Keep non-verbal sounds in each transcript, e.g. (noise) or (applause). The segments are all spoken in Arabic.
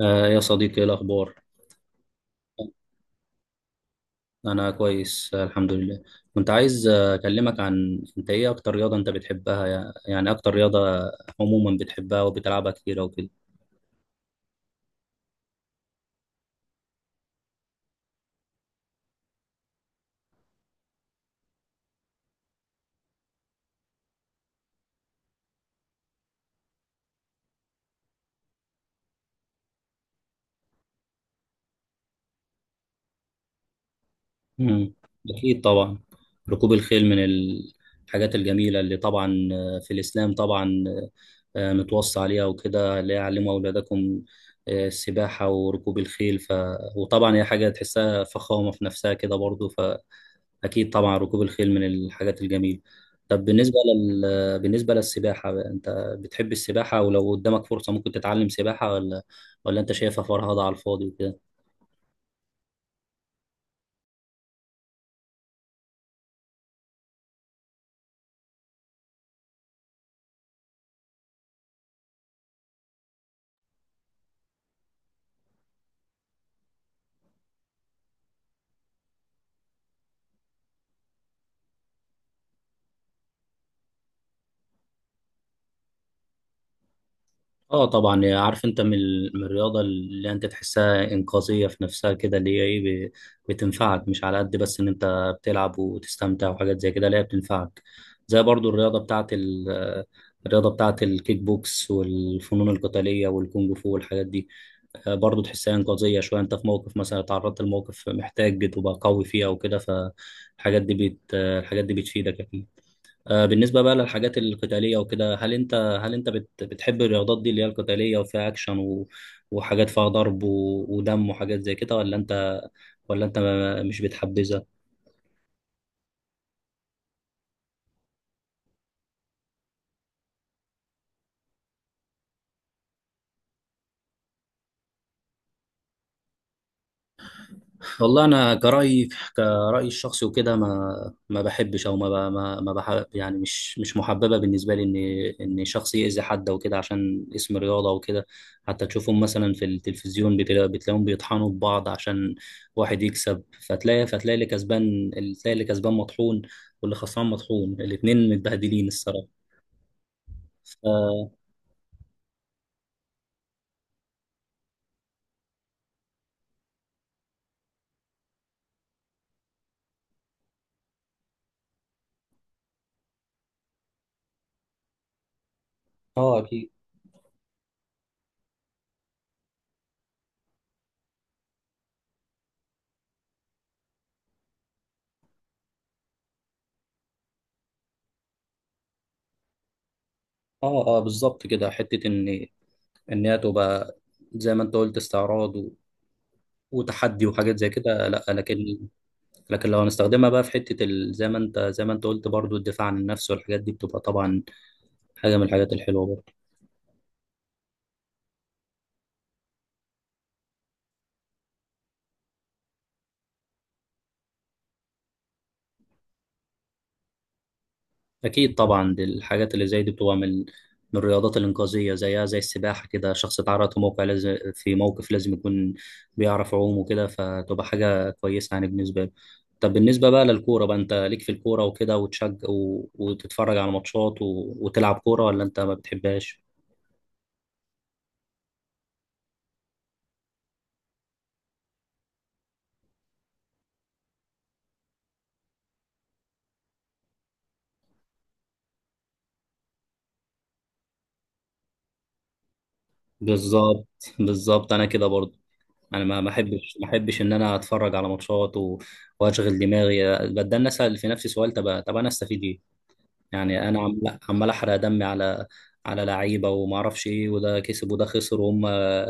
آه يا صديقي، ايه الاخبار؟ انا كويس، الحمد لله. كنت عايز اكلمك عن انت ايه اكتر رياضه انت بتحبها، يعني اكتر رياضه عموما بتحبها وبتلعبها كتير وكده. امم اكيد طبعا. ركوب الخيل من الحاجات الجميله اللي طبعا في الاسلام، طبعا متوصى عليها وكده، اللي هي علموا اولادكم السباحه وركوب الخيل، وطبعا هي حاجه تحسها فخامه في نفسها كده برضو. أكيد طبعا ركوب الخيل من الحاجات الجميلة. طب بالنسبة لل... بالنسبة للسباحة بقى، أنت بتحب السباحة؟ ولو قدامك فرصة ممكن تتعلم سباحة، ولا أنت شايفها فرهضة على الفاضي وكده؟ اه طبعا. عارف انت من الرياضه اللي انت تحسها انقاذيه في نفسها كده، اللي هي ايه، بتنفعك، مش على قد بس ان انت بتلعب وتستمتع وحاجات زي كده، لا هي بتنفعك زي برضو الرياضه بتاعت الكيك بوكس والفنون القتاليه والكونج فو والحاجات دي. برضو تحسها انقاذيه شويه، انت في موقف مثلا اتعرضت لموقف محتاج تبقى قوي فيه او كده، فالحاجات دي الحاجات دي بتفيدك اكيد. بالنسبة بقى للحاجات القتالية وكده، هل انت بتحب الرياضات دي اللي هي القتالية، وفيها اكشن، وحاجات فيها ضرب، ودم وحاجات زي كده، ولا انت مش بتحبذها؟ والله انا كرأيي، الشخصي وكده، ما بحبش او ما ب- ما ما بحب يعني، مش محببه بالنسبه لي ان شخص يأذي حد وكده عشان اسم رياضه وكده. حتى تشوفهم مثلا في التلفزيون بتلاقيهم بيطحنوا ببعض عشان واحد يكسب، فتلاقي اللي كسبان، تلاقي اللي كسبان مطحون، واللي خسران مطحون، الاتنين متبهدلين الصراحه. ف- اه اكيد. اه، اه بالظبط كده، حته ان هي تبقى زي ما انت قلت استعراض وتحدي وحاجات زي كده، لا، لكن لو هنستخدمها بقى في زي ما انت قلت برضو، الدفاع عن النفس والحاجات دي بتبقى طبعا حاجة من الحاجات الحلوة برضو. اكيد طبعا، دي الحاجات اللي زي دي بتبقى من الرياضات الإنقاذية، زيها زي السباحة كده، شخص اتعرض في موقع لازم، في موقف لازم يكون بيعرف يعوم وكده، فتبقى حاجة كويسة يعني بالنسبة له. طب بالنسبة بقى للكورة بقى، انت ليك في الكورة وكده وتشجع وتتفرج على ماتشات وتلعب كورة، ولا انت ما بتحبهاش؟ بالظبط. بالظبط انا كده برضو، انا ما احبش ان انا اتفرج على ماتشات واشغل دماغي بتدنى، اسال في نفسي سؤال، طب انا استفيد ايه؟ يعني انا عمال احرق دمي على لعيبه وما اعرفش ايه، وده كسب وده خسر، وهم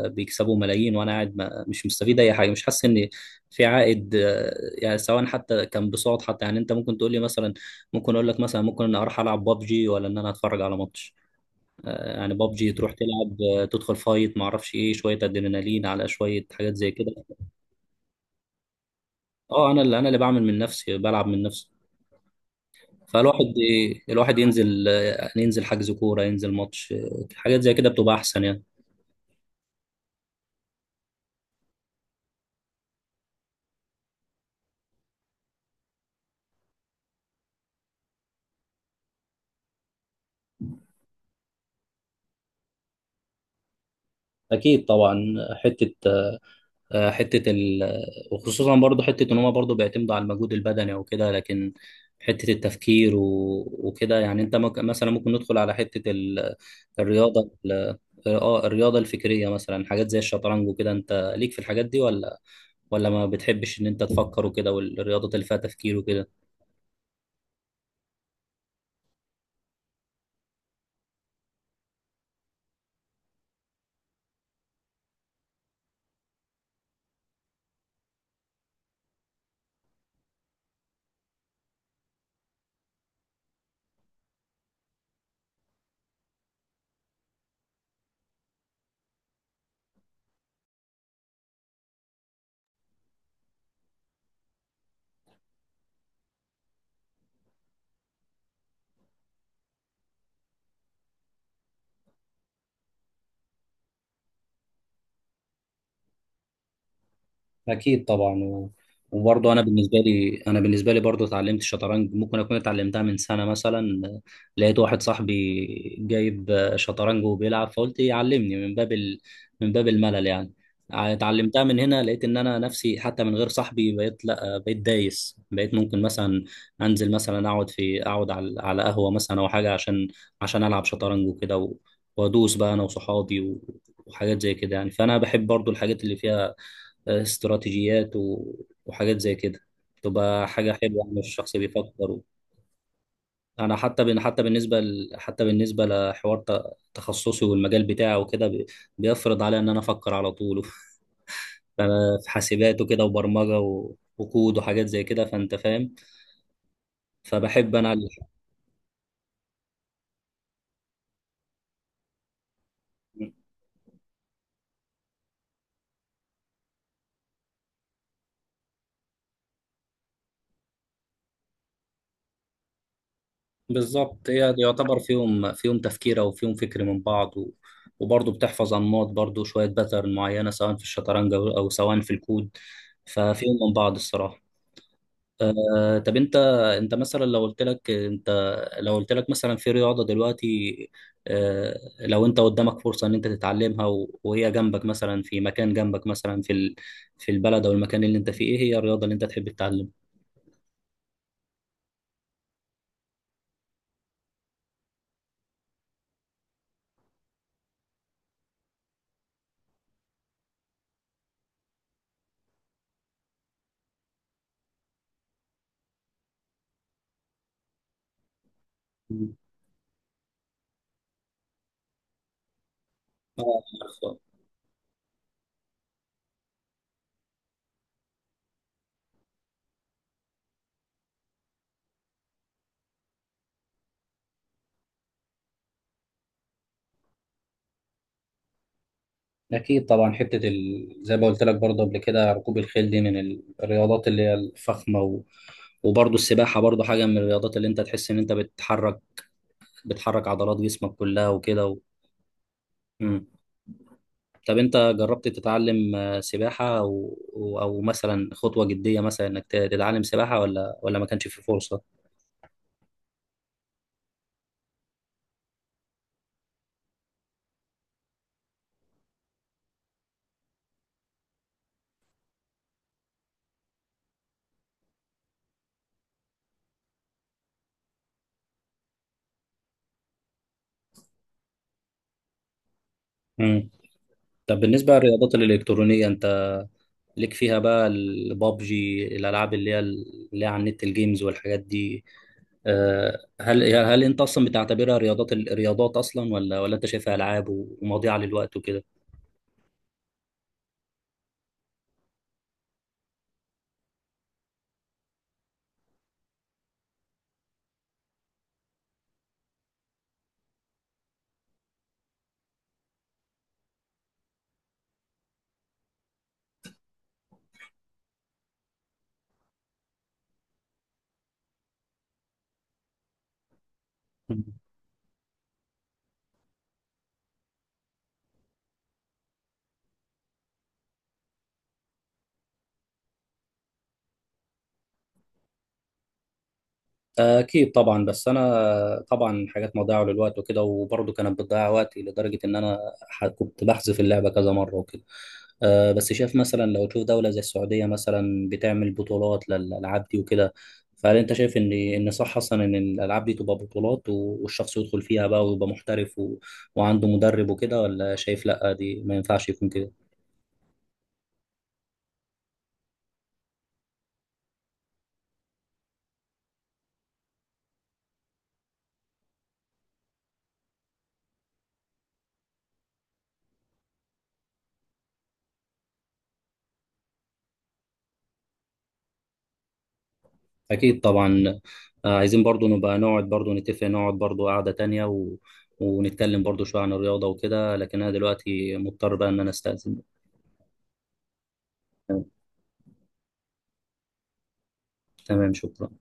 بيكسبوا ملايين، وانا قاعد ما... مش مستفيد اي حاجه، مش حاسس ان في عائد. يعني سواء حتى كان بصوت، حتى يعني انت ممكن تقول لي مثلا، ممكن اقول لك مثلا ممكن ان اروح العب بابجي ولا ان انا اتفرج على ماتش. يعني بابجي تروح تلعب، تدخل فايت ما اعرفش ايه، شويه ادرينالين على شويه حاجات زي كده. اه، انا اللي بعمل من نفسي، بلعب من نفسي. فالواحد الواحد ينزل حجز كوره، ينزل ماتش، حاجات زي كده بتبقى احسن يعني. اكيد طبعا، حته حته ال... وخصوصا برضو حته ان هما برضو بيعتمدوا على المجهود البدني او كده، لكن حته التفكير وكده، يعني انت ممكن مثلا، ممكن ندخل على الرياضه ال... اه الرياضه الفكريه مثلا، حاجات زي الشطرنج وكده. انت ليك في الحاجات دي، ولا ما بتحبش ان انت تفكر وكده، والرياضات اللي فيها تفكير وكده؟ اكيد طبعا، وبرضه انا بالنسبه لي برضه اتعلمت الشطرنج. ممكن اكون اتعلمتها من سنه مثلا، لقيت واحد صاحبي جايب شطرنج وبيلعب، فقلت يعلمني من باب الملل يعني، اتعلمتها من هنا. لقيت ان انا نفسي حتى من غير صاحبي بقيت، لا، بقيت دايس، بقيت ممكن مثلا انزل مثلا، اقعد على قهوه مثلا او حاجه، عشان العب شطرنج وكده، وادوس بقى انا وصحابي وحاجات زي كده يعني. فانا بحب برضو الحاجات اللي فيها استراتيجيات وحاجات زي كده، تبقى حاجة حلوة يعني، الشخص بيفكر. أنا حتى حتى حتى بالنسبة لحوار تخصصي والمجال بتاعه وكده، بيفرض عليا إن أنا أفكر على طول (laughs) فأنا في حاسبات وكده وبرمجة وكود وحاجات زي كده، فأنت فاهم. فبحب أنا بالظبط، هي يعتبر فيهم تفكير أو فيهم فكر من بعض، وبرضه بتحفظ أنماط برضه، شوية باترن معينة، سواء في الشطرنج أو سواء في الكود، ففيهم من بعض الصراحة. طب انت مثلا لو قلت لك مثلا في رياضة دلوقتي، لو انت قدامك فرصة ان انت تتعلمها وهي جنبك مثلا في مكان جنبك مثلا في البلد او المكان اللي انت فيه، ايه هي الرياضة اللي انت تحب تتعلمها؟ مم. آه، عارفها. أكيد طبعا، زي ما قلت لك برضه قبل كده، ركوب الخيل دي من الرياضات اللي هي الفخمة، وبرضه السباحة برضه حاجة من الرياضات اللي انت تحس ان انت بتحرك عضلات جسمك كلها وكده مم. طب انت جربت تتعلم سباحة، او او أو مثلا خطوة جدية، مثلا انك تتعلم سباحة، ولا ما كانش في فرصة؟ مم. طب بالنسبة للرياضات الإلكترونية، انت ليك فيها بقى، البابجي، الألعاب اللي هي على النت، الجيمز والحاجات دي، هل انت اصلا بتعتبرها رياضات، الرياضات اصلا، ولا انت شايفها ألعاب ومضيعة للوقت وكده؟ أكيد طبعا، بس أنا طبعا حاجات مضيعة للوقت وكده، وبرضه كانت بتضيع وقتي لدرجة إن أنا كنت بحذف اللعبة كذا مرة وكده. أه بس شايف مثلا لو تشوف دولة زي السعودية مثلا بتعمل بطولات للألعاب دي وكده، فهل أنت شايف إن صح أصلا إن الألعاب دي تبقى بطولات، والشخص يدخل فيها بقى ويبقى محترف وعنده مدرب وكده، ولا شايف لأ دي ما ينفعش يكون كده؟ أكيد طبعا. عايزين برضو نبقى نقعد برضو نتفق، نقعد برضو قعدة تانية ونتكلم برضو شوية عن الرياضة وكده، لكن أنا دلوقتي مضطر بقى إن أنا أستأذن. تمام شكرا